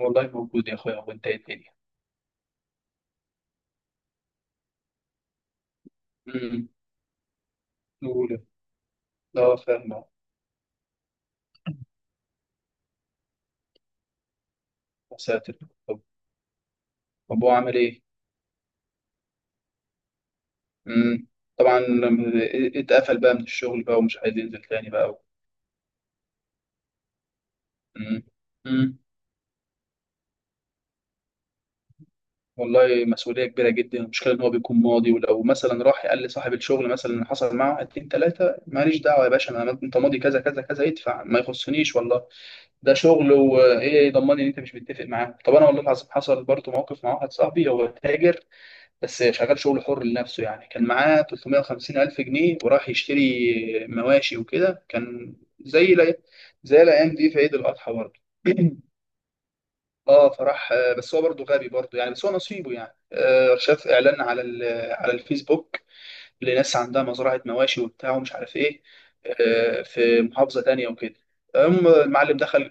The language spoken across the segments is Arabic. والله موجود يا اخويا. وانت ايه الدنيا؟ امم اولى اه فاهم. يا ساتر. طب طب هو عمل ايه؟ امم طبعا لما اتقفل بقى من الشغل بقى ومش عايز ينزل تاني بقى. امم امم والله مسؤوليه كبيره جدا. المشكله ان هو بيكون ماضي، ولو مثلا راح قال لصاحب الشغل مثلا اللي حصل معاه، اتنين تلاته ماليش دعوه يا باشا، انا انت ماضي كذا كذا كذا، ادفع، ما يخصنيش والله. ده شغل، وايه يضمني ان انت مش متفق معاه؟ طب انا والله العظيم حصل برضه موقف مع واحد صاحبي، هو تاجر بس شغال شغل حر لنفسه، يعني كان معاه 350 ألف جنيه وراح يشتري مواشي وكده. كان زي لا زي الأيام دي في عيد الأضحى برضه. اه فراح، بس هو برضه غبي برضه، يعني بس هو نصيبه يعني. شاف إعلان على على الفيسبوك، لناس عندها مزرعة مواشي وبتاع ومش عارف إيه، في محافظة تانية وكده. المهم المعلم دخل.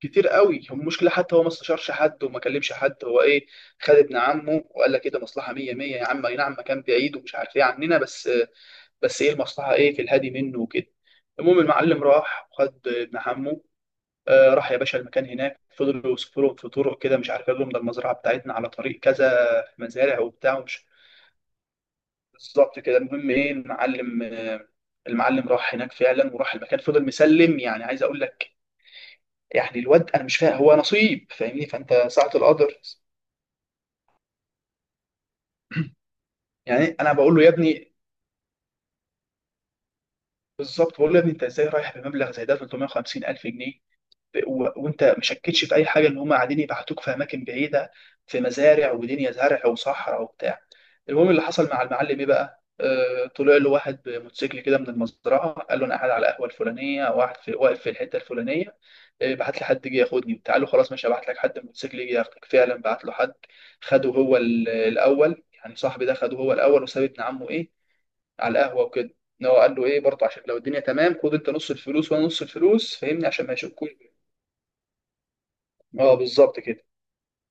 كتير قوي. هو المشكله حتى هو ما استشارش حد وما كلمش حد. هو ايه، خد ابن عمه وقال لك كده مصلحه 100 100، يا عم اي نعم مكان بعيد ومش عارف ايه عننا، بس بس ايه المصلحه، ايه في الهادي منه وكده. المهم المعلم راح وخد ابن عمه. آه راح يا باشا المكان هناك، فضلوا يوصفوا لهم في طرق كده مش عارف، قال لهم ده المزرعه بتاعتنا على طريق كذا، مزارع وبتاع بالظبط كده. المهم ايه المعلم المعلم راح هناك فعلا وراح المكان، فضل مسلم يعني، عايز اقول لك يعني الواد انا مش فاهم هو نصيب، فاهمني؟ فانت ساعة القدر. يعني انا بقول له يا ابني، بالظبط بقول له يا ابني انت ازاي رايح بمبلغ زي ده، 350 الف جنيه؟ وانت مشكتش في اي حاجه ان هم قاعدين يبعتوك في اماكن بعيده، في مزارع ودنيا زرع وصحراء وبتاع. المهم اللي حصل مع المعلم ايه بقى، طلع له واحد بموتوسيكل كده من المزرعه، قال له انا قاعد على القهوه الفلانيه، واحد في واقف في الحته الفلانيه، بعت لي حد جه ياخدني بتاع له، خلاص ماشي ابعت لك حد الموتوسيكل يجي ياخدك. فعلا بعت له حد خده هو، الاول يعني صاحبي ده خده هو الاول وساب ابن عمه ايه على القهوه وكده. ان هو قال له ايه برضه، عشان لو الدنيا تمام خد انت نص الفلوس وانا نص الفلوس، فاهمني؟ عشان ما يشكوش. اه بالظبط كده.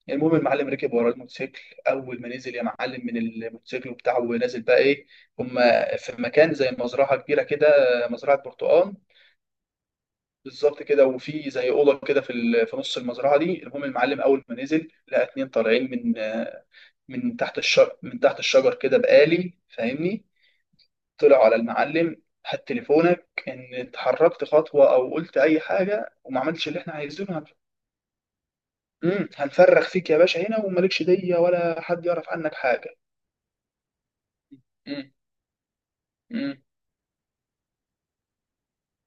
المهم المعلم ركب ورا الموتوسيكل. اول ما نزل يا معلم من الموتوسيكل بتاعه ونازل بقى ايه، هما في مكان زي مزرعه كبيره كده، مزرعه برتقال، بالظبط كده. وفي زي اوضه كده في في نص المزرعه دي. المهم المعلم اول ما نزل لقى اتنين طالعين من من تحت الشجر، كده بآلي، فاهمني؟ طلعوا على المعلم: هات تليفونك، ان اتحركت خطوه او قلت اي حاجه وما عملتش اللي احنا عايزينه هنفرخ فيك يا باشا هنا، ومالكش ديه ولا حد يعرف عنك حاجه. مم، مم،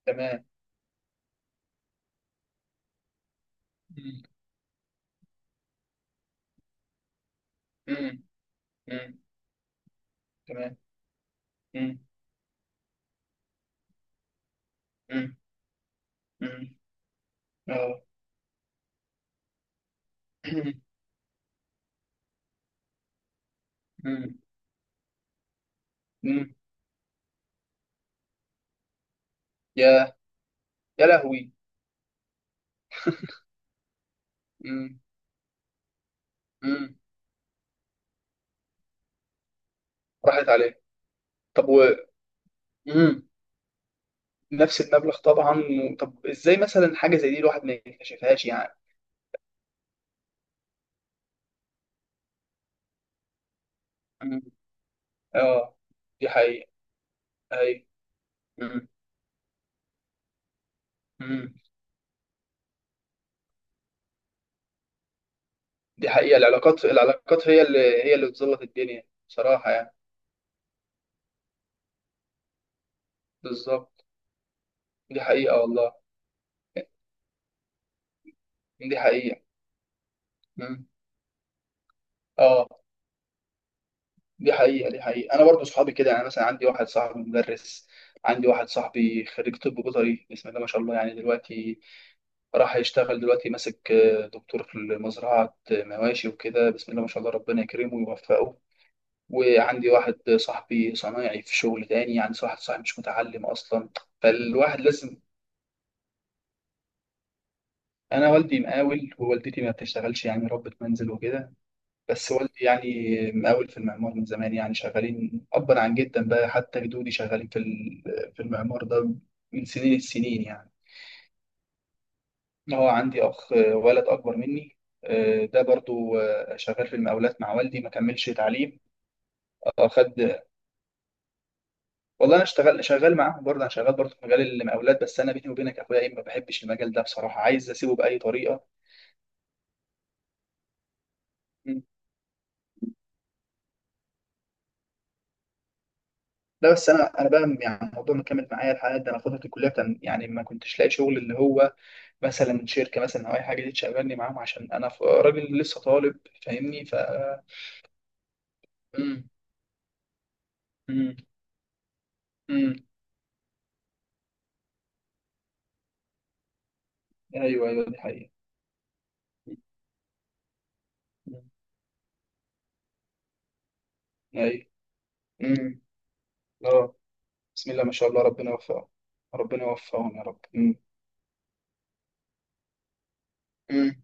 تمام. مم، مم، مم، تمام. مم، مم، مم، اه. مم، مم، يا يا لهوي. امم امم راحت عليه. طب و، امم نفس المبلغ طبعا طب ازاي مثلا حاجه زي دي الواحد ما يكتشفهاش يعني؟ امم اه دي حقيقه. اي. امم امم دي حقيقه، العلاقات، هي اللي، هي اللي بتظبط الدنيا، بصراحه يعني. بالظبط، دي حقيقه والله. دي حقيقه. امم اه دي حقيقه، انا برضو صحابي كده، يعني مثلا عندي واحد صاحبي مدرس، عندي واحد صاحبي خريج طب بيطري، بسم الله ما شاء الله، يعني دلوقتي راح يشتغل دلوقتي، ماسك دكتور في مزرعة مواشي وكده، بسم الله ما شاء الله، ربنا يكرمه ويوفقه. وعندي واحد صاحبي صنايعي في شغل تاني، يعني واحد صاحبي مش متعلم أصلا. فالواحد لازم. أنا والدي مقاول ووالدتي ما بتشتغلش يعني، ربة منزل وكده، بس والدي يعني مقاول في المعمار من زمان، يعني شغالين أبا عن جدا بقى، حتى جدودي شغالين في في المعمار ده من سنين السنين يعني. هو عندي اخ، ولد اكبر مني، ده برضو شغال في المقاولات مع والدي، ما كملش تعليم. خد، والله انا اشتغل شغال معاهم برضه، انا شغال برضه في مجال المقاولات، بس انا بيني وبينك يا اخويا ايه، ما بحبش المجال ده بصراحه، عايز اسيبه باي طريقه. مم. لا بس انا بقى يعني الموضوع مكمل معايا لحد ده. انا فتره الكليه كان يعني ما كنتش لاقي شغل، اللي هو مثلا شركه مثلا او اي حاجه دي تشغلني معاهم، عشان انا راجل لسه طالب، فاهمني؟ ف، مم. مم. مم. ايوه، دي حقيقه. مم. ايوه. مم. اه. بسم الله ما شاء الله، ربنا يوفقهم. ربنا يوفقهم يا رب. مم. مم.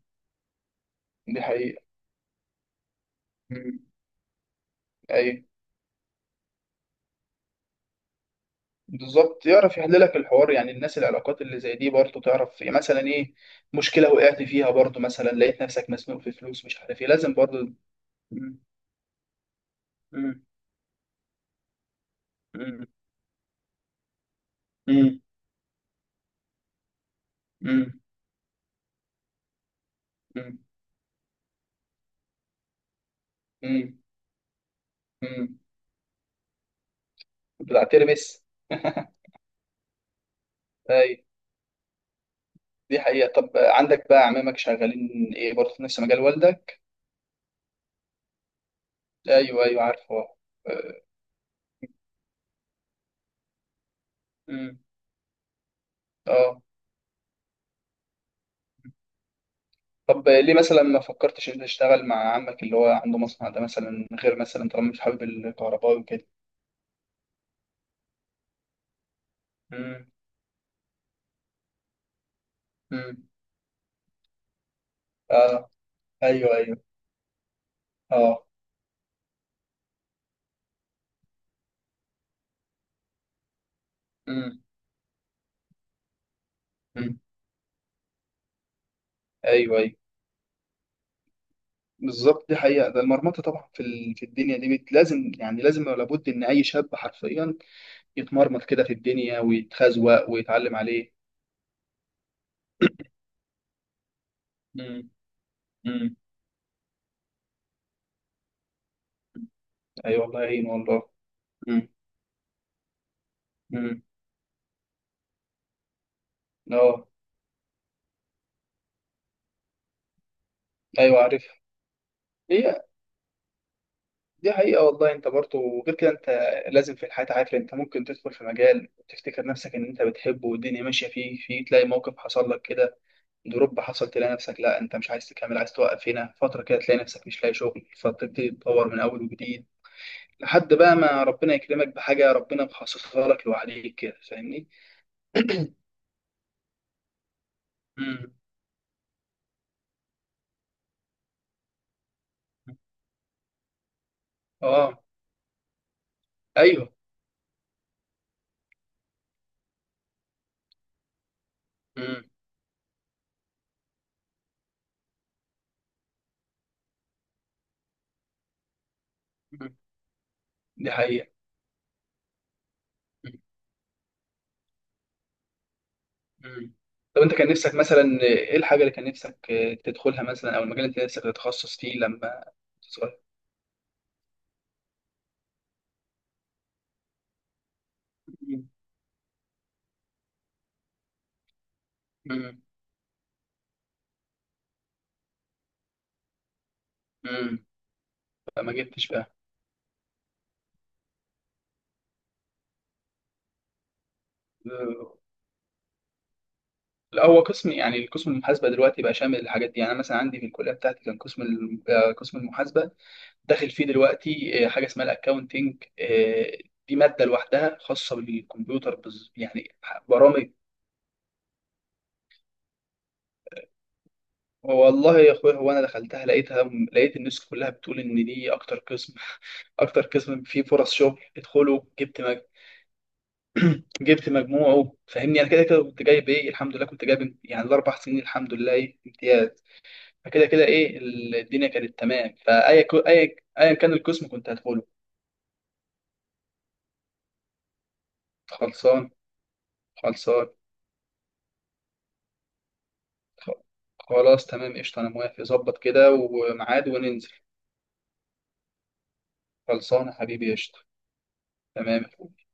دي حقيقة. مم. أيوة. بالظبط، يعرف يحللك الحوار يعني. الناس، العلاقات اللي زي دي برضه تعرف، يعني مثلا إيه، مشكلة وقعت فيها برضه، مثلا لقيت نفسك مسنوق في فلوس مش عارف إيه، لازم برضه. مم. مم. مم. مم. مم. مم. مم. مم. بتاع ترمس. أيوة. دي حقيقة. طب عندك بقى أعمامك شغالين إيه برضه، في نفس مجال والدك؟ أيوة أيوة عارفه. أه. مم. اه. طب ليه مثلا ما فكرتش انت تشتغل مع عمك اللي هو عنده مصنع ده مثلا، غير مثلا طالما مش حابب الكهرباء وكده؟ امم امم اه. ايوه، اه. امم امم ايوه. بالظبط، دي حقيقة. ده المرمطة طبعا في في الدنيا دي لازم يعني، لازم ولا بد ان اي شاب حرفيا يتمرمط كده في الدنيا ويتخزوق ويتعلم عليه. امم امم ايوه، الله يعين والله. امم امم اه. ايوه عارف. هي، دي حقيقة والله. انت برضه غير كده، انت لازم في الحياة، عارف انت ممكن تدخل في مجال وتفتكر نفسك ان انت بتحبه والدنيا ماشية فيه، فيه تلاقي موقف حصل لك كده، دروب حصل، تلاقي نفسك لا انت مش عايز تكمل، عايز توقف هنا فترة كده، تلاقي نفسك مش لاقي شغل، فتبتدي تدور من اول وجديد، لحد بقى ما ربنا يكرمك بحاجة ربنا مخصصها لك لوحديك كده، فاهمني؟ امم اه ايوه امم دي حقيقة. مم. طب انت كان نفسك مثلا ايه الحاجه اللي كان نفسك تدخلها مثلا، او المجال اللي انت نفسك تتخصص فيه لما تصغر؟ فما جبتش بقى. آه، لا هو قسم، يعني القسم المحاسبه دلوقتي بقى شامل الحاجات دي. يعني انا مثلا عندي في الكليه بتاعتي كان قسم قسم المحاسبه، داخل فيه دلوقتي حاجه اسمها الاكاونتنج، دي ماده لوحدها خاصه بالكمبيوتر يعني برامج. والله يا اخويا هو انا دخلتها، لقيتها، لقيت الناس كلها بتقول ان دي اكتر قسم اكتر قسم فيه فرص شغل، ادخله. جبت مجموعه، فاهمني؟ انا كده كده كنت جايب ايه، الحمد لله كنت جايب يعني الاربع سنين الحمد لله ايه امتياز. فكده كده ايه الدنيا كانت تمام، فاي ك- اي ايا كان القسم كنت هدخله. خلصان. خلصان. خ- خلاص تمام، قشطه، انا موافق. ظبط كده وميعاد وننزل. خلصان يا حبيبي، قشطه. تمام يا أخوي.